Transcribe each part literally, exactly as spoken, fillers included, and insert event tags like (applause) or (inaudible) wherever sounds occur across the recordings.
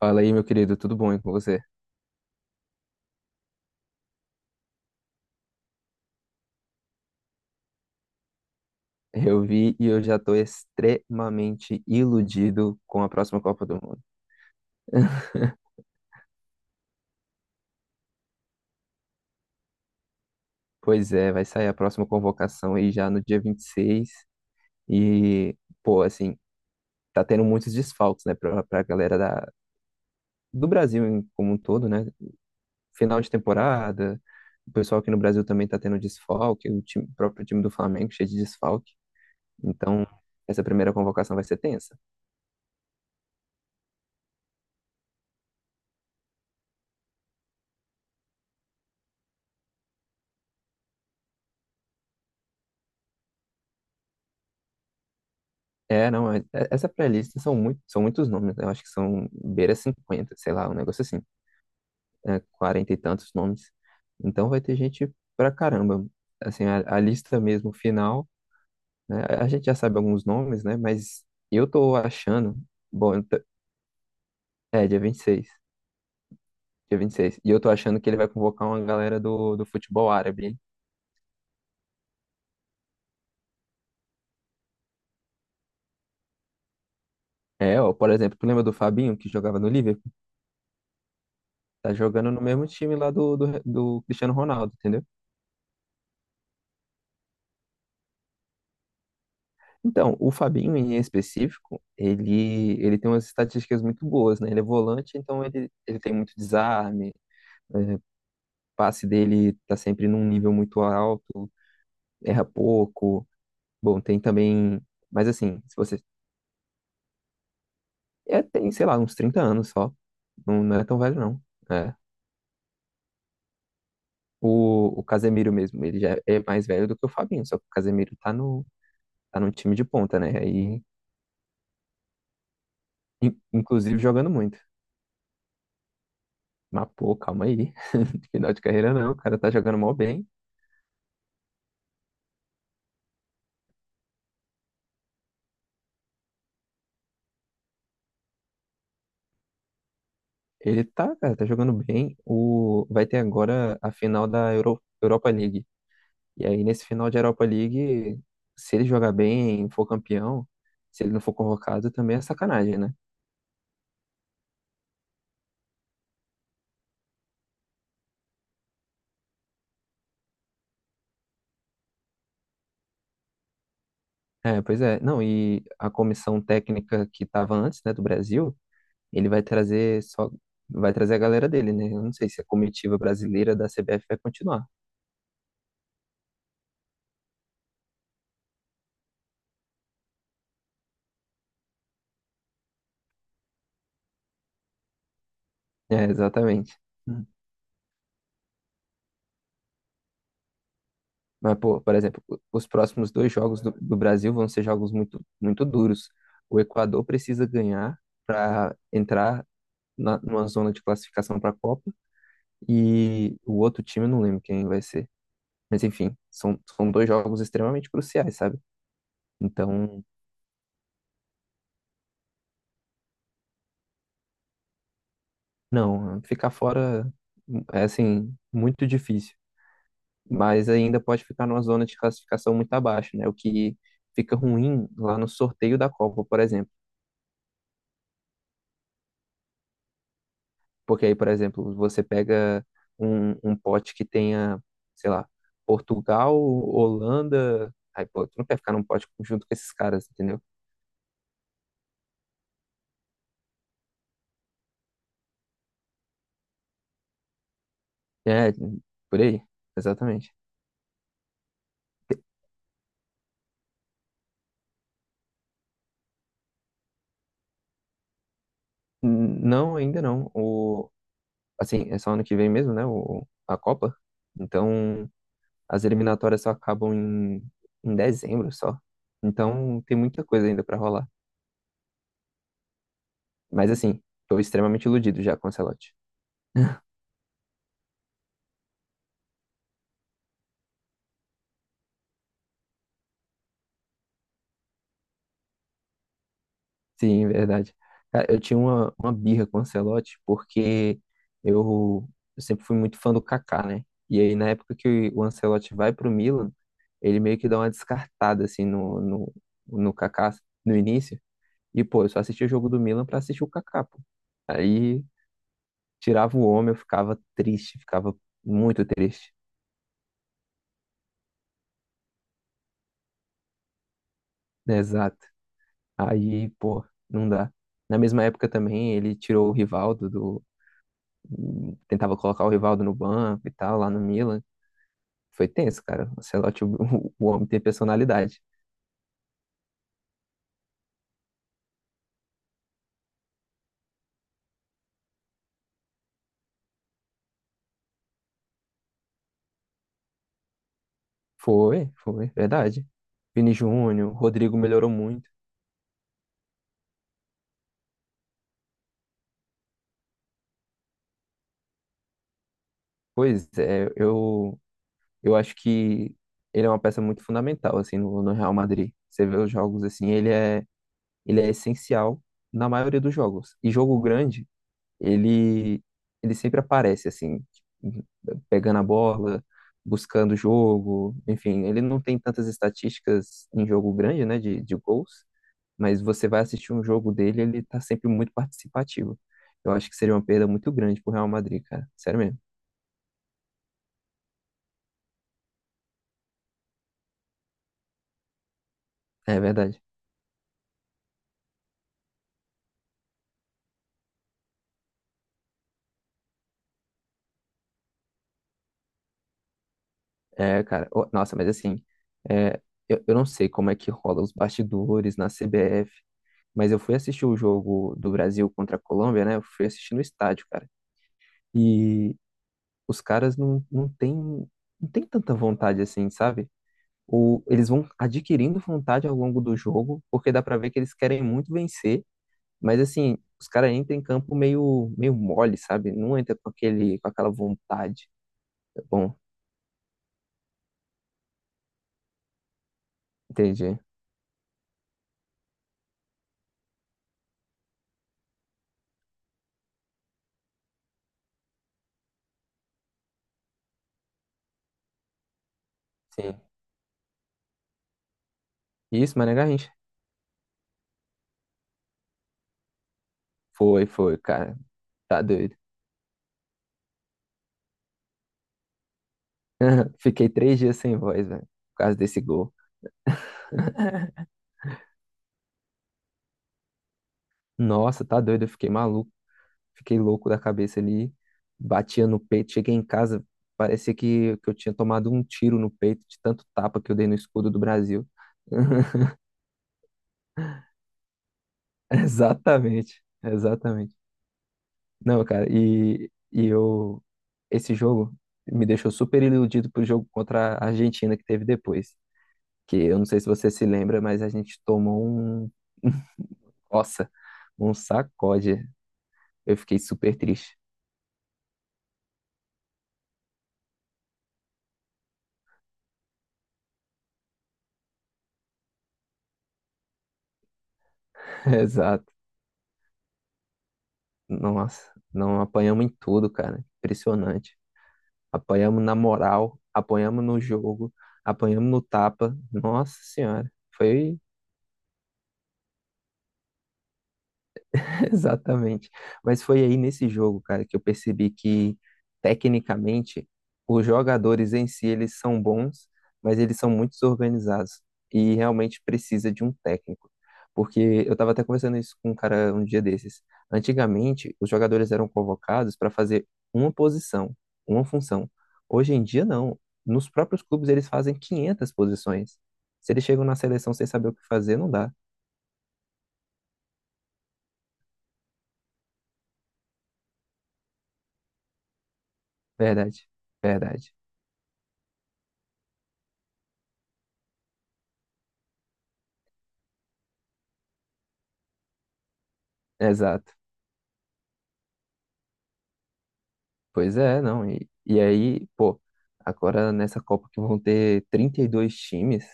Fala aí, meu querido, tudo bom aí com você? Eu vi e eu já tô extremamente iludido com a próxima Copa do Mundo. Pois é, vai sair a próxima convocação aí já no dia vinte e seis e, seis e, pô, assim, tá tendo muitos desfalques, né, pra, pra galera da, do Brasil em- como um todo, né? Final de temporada, o pessoal aqui no Brasil também tá tendo desfalque, o time- o próprio time do Flamengo cheio de desfalque. Então, essa primeira convocação vai ser tensa. É, não, é- é- Essa pré-lista são, muito, são muitos nomes, né? Eu acho que são beira cinquenta, sei lá, um negócio assim, né? quarenta e tantos nomes. Então vai ter gente pra caramba. Assim, a, a lista mesmo final, né? A gente já sabe alguns nomes, né? Mas eu tô achando, bom, eu tô- é dia vinte e seis. Dia vinte e seis e eu tô achando que ele vai convocar uma galera do, do futebol árabe, hein? É, ó, por exemplo, tu lembra do Fabinho, que jogava no Liverpool? Tá jogando no mesmo time lá do, do, do Cristiano Ronaldo, entendeu? Então, o Fabinho, em específico, ele, ele tem umas estatísticas muito boas, né? Ele é volante, então ele, ele tem muito desarme, é, o passe dele tá sempre num nível muito alto, erra pouco. Bom, tem também... Mas assim, se você... É, tem, sei lá, uns trinta anos só. Não, não é tão velho, não. É. O, o Casemiro mesmo, ele já é mais velho do que o Fabinho, só que o Casemiro tá no, tá no time de ponta, né? Aí, in- inclusive jogando muito. Mas, pô, calma aí. (laughs) Final de carreira não, o cara tá jogando mal bem. Ele tá, cara, tá jogando bem. O, vai ter agora a final da Euro, Europa League. E aí, nesse final de Europa League, se ele jogar bem, for campeão, se ele não for convocado, também é sacanagem, né? É, pois é. Não, e a comissão técnica que estava antes, né, do Brasil. Ele vai trazer só vai trazer a galera dele, né? Eu não sei se a comitiva brasileira da C B F vai continuar. É, exatamente. Hum. Mas, pô, por exemplo, o- os próximos dois jogos do, do Brasil vão ser jogos muito, muito duros. O Equador precisa ganhar para entrar na, numa zona de classificação para a Copa e o outro time, eu não lembro quem vai ser. Mas, enfim, são, são dois jogos extremamente cruciais, sabe? Então, não, ficar fora é, assim, muito difícil. Mas ainda pode ficar numa zona de classificação muito abaixo, né? O que fica ruim lá no sorteio da Copa, por exemplo. Porque aí, por exemplo, você pega um, um pote que tenha, sei lá, Portugal, Holanda. Aí, pô, tu não quer ficar num pote junto com esses caras, entendeu? É, por aí, exatamente. N- Não, ainda não. O, assim, é só ano que vem mesmo, né? O, a Copa. Então, as eliminatórias só acabam em, em dezembro só. Então tem muita coisa ainda pra rolar. Mas assim, tô extremamente iludido já com o Ancelotti. Sim, (laughs) verdade. Cara, eu tinha uma, uma birra com o Ancelotti porque eu, eu sempre fui muito fã do Kaká, né? E aí na época que o Ancelotti vai pro Milan, ele meio que dá uma descartada assim no, no, no Kaká no início. E pô, eu só assistia o jogo do Milan pra assistir o Kaká, pô. Aí tirava o homem, eu ficava triste, ficava muito triste. Exato. Aí, pô, não dá. Na mesma época também, ele tirou o Rivaldo do. Tentava colocar o Rivaldo no banco e tal, lá no Milan. Foi tenso, cara. O Ancelotti, (laughs) o, o homem tem personalidade. Foi, foi, verdade. Vini Júnior, Rodrigo melhorou muito. Pois é, eu, eu acho que ele é uma peça muito fundamental, assim, no, no Real Madrid. Você vê os jogos, assim, ele é, ele é essencial na maioria dos jogos. E jogo grande. ele Ele sempre aparece assim, tipo, pegando a bola, buscando o jogo, enfim, ele não tem tantas estatísticas em jogo grande, né, de, de gols, mas você vai assistir um jogo dele, ele tá sempre muito participativo. Eu acho que seria uma perda muito grande pro Real Madrid, cara, sério mesmo. É verdade. É, cara, ô, nossa, mas assim, é, eu, eu não sei como é que rola os bastidores na C B F, mas eu fui assistir o jogo do Brasil contra a Colômbia, né? Eu fui assistir no estádio, cara. E os caras não, não têm não tem tanta vontade assim, sabe? O, eles vão adquirindo vontade ao longo do jogo, porque dá pra ver que eles querem muito vencer, mas assim, os caras entram em campo meio, meio mole, sabe? Não entra com aquele, com aquela vontade. Tá bom, entendi. Sim. Isso, mas a gente. Foi, foi, cara. Tá doido. (laughs) Fiquei três dias sem voz, velho, por causa desse gol. Nossa, tá doido, eu fiquei maluco. Fiquei louco da cabeça ali, batia no peito. Cheguei em casa, parecia que, que eu tinha tomado um tiro no peito de tanto tapa que eu dei no escudo do Brasil. (laughs) Exatamente, exatamente. Não, cara, e, e eu. Esse jogo me deixou super iludido pro jogo contra a Argentina que teve depois. Que eu não sei se você se lembra, mas a gente tomou um. (laughs) Nossa, um sacode. Eu fiquei super triste. (laughs) Exato. Nossa, não apanhamos em tudo, cara. Impressionante. Apanhamos na moral, apanhamos no jogo, apanhamos no tapa. Nossa Senhora, foi (laughs) exatamente. Mas foi aí nesse jogo, cara, que eu percebi que, tecnicamente, os jogadores em si, eles são bons, mas eles são muito desorganizados e realmente precisa de um técnico. Porque eu estava até conversando isso com um cara um dia desses. Antigamente, os jogadores eram convocados para fazer uma posição, uma função. Hoje em dia, não. Nos próprios clubes, eles fazem quinhentas posições. Se eles chegam na seleção sem saber o que fazer, não dá. Verdade, verdade. Exato. Pois é, não. E, e aí, pô, agora nessa Copa que vão ter trinta e dois times,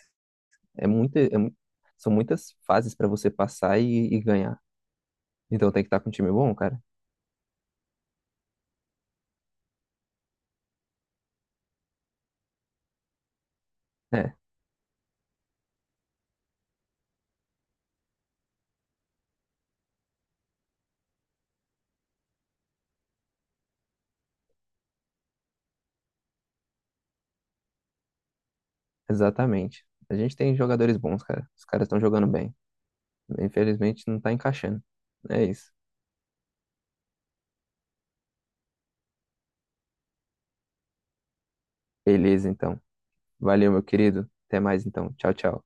é muita, é mu- são muitas fases para você passar e, e ganhar. Então tem que estar com um time bom, cara. É, exatamente. A gente tem jogadores bons, cara. Os caras estão jogando bem. Infelizmente não tá encaixando. É isso. Beleza, então. Valeu, meu querido. Até mais, então. Tchau, tchau.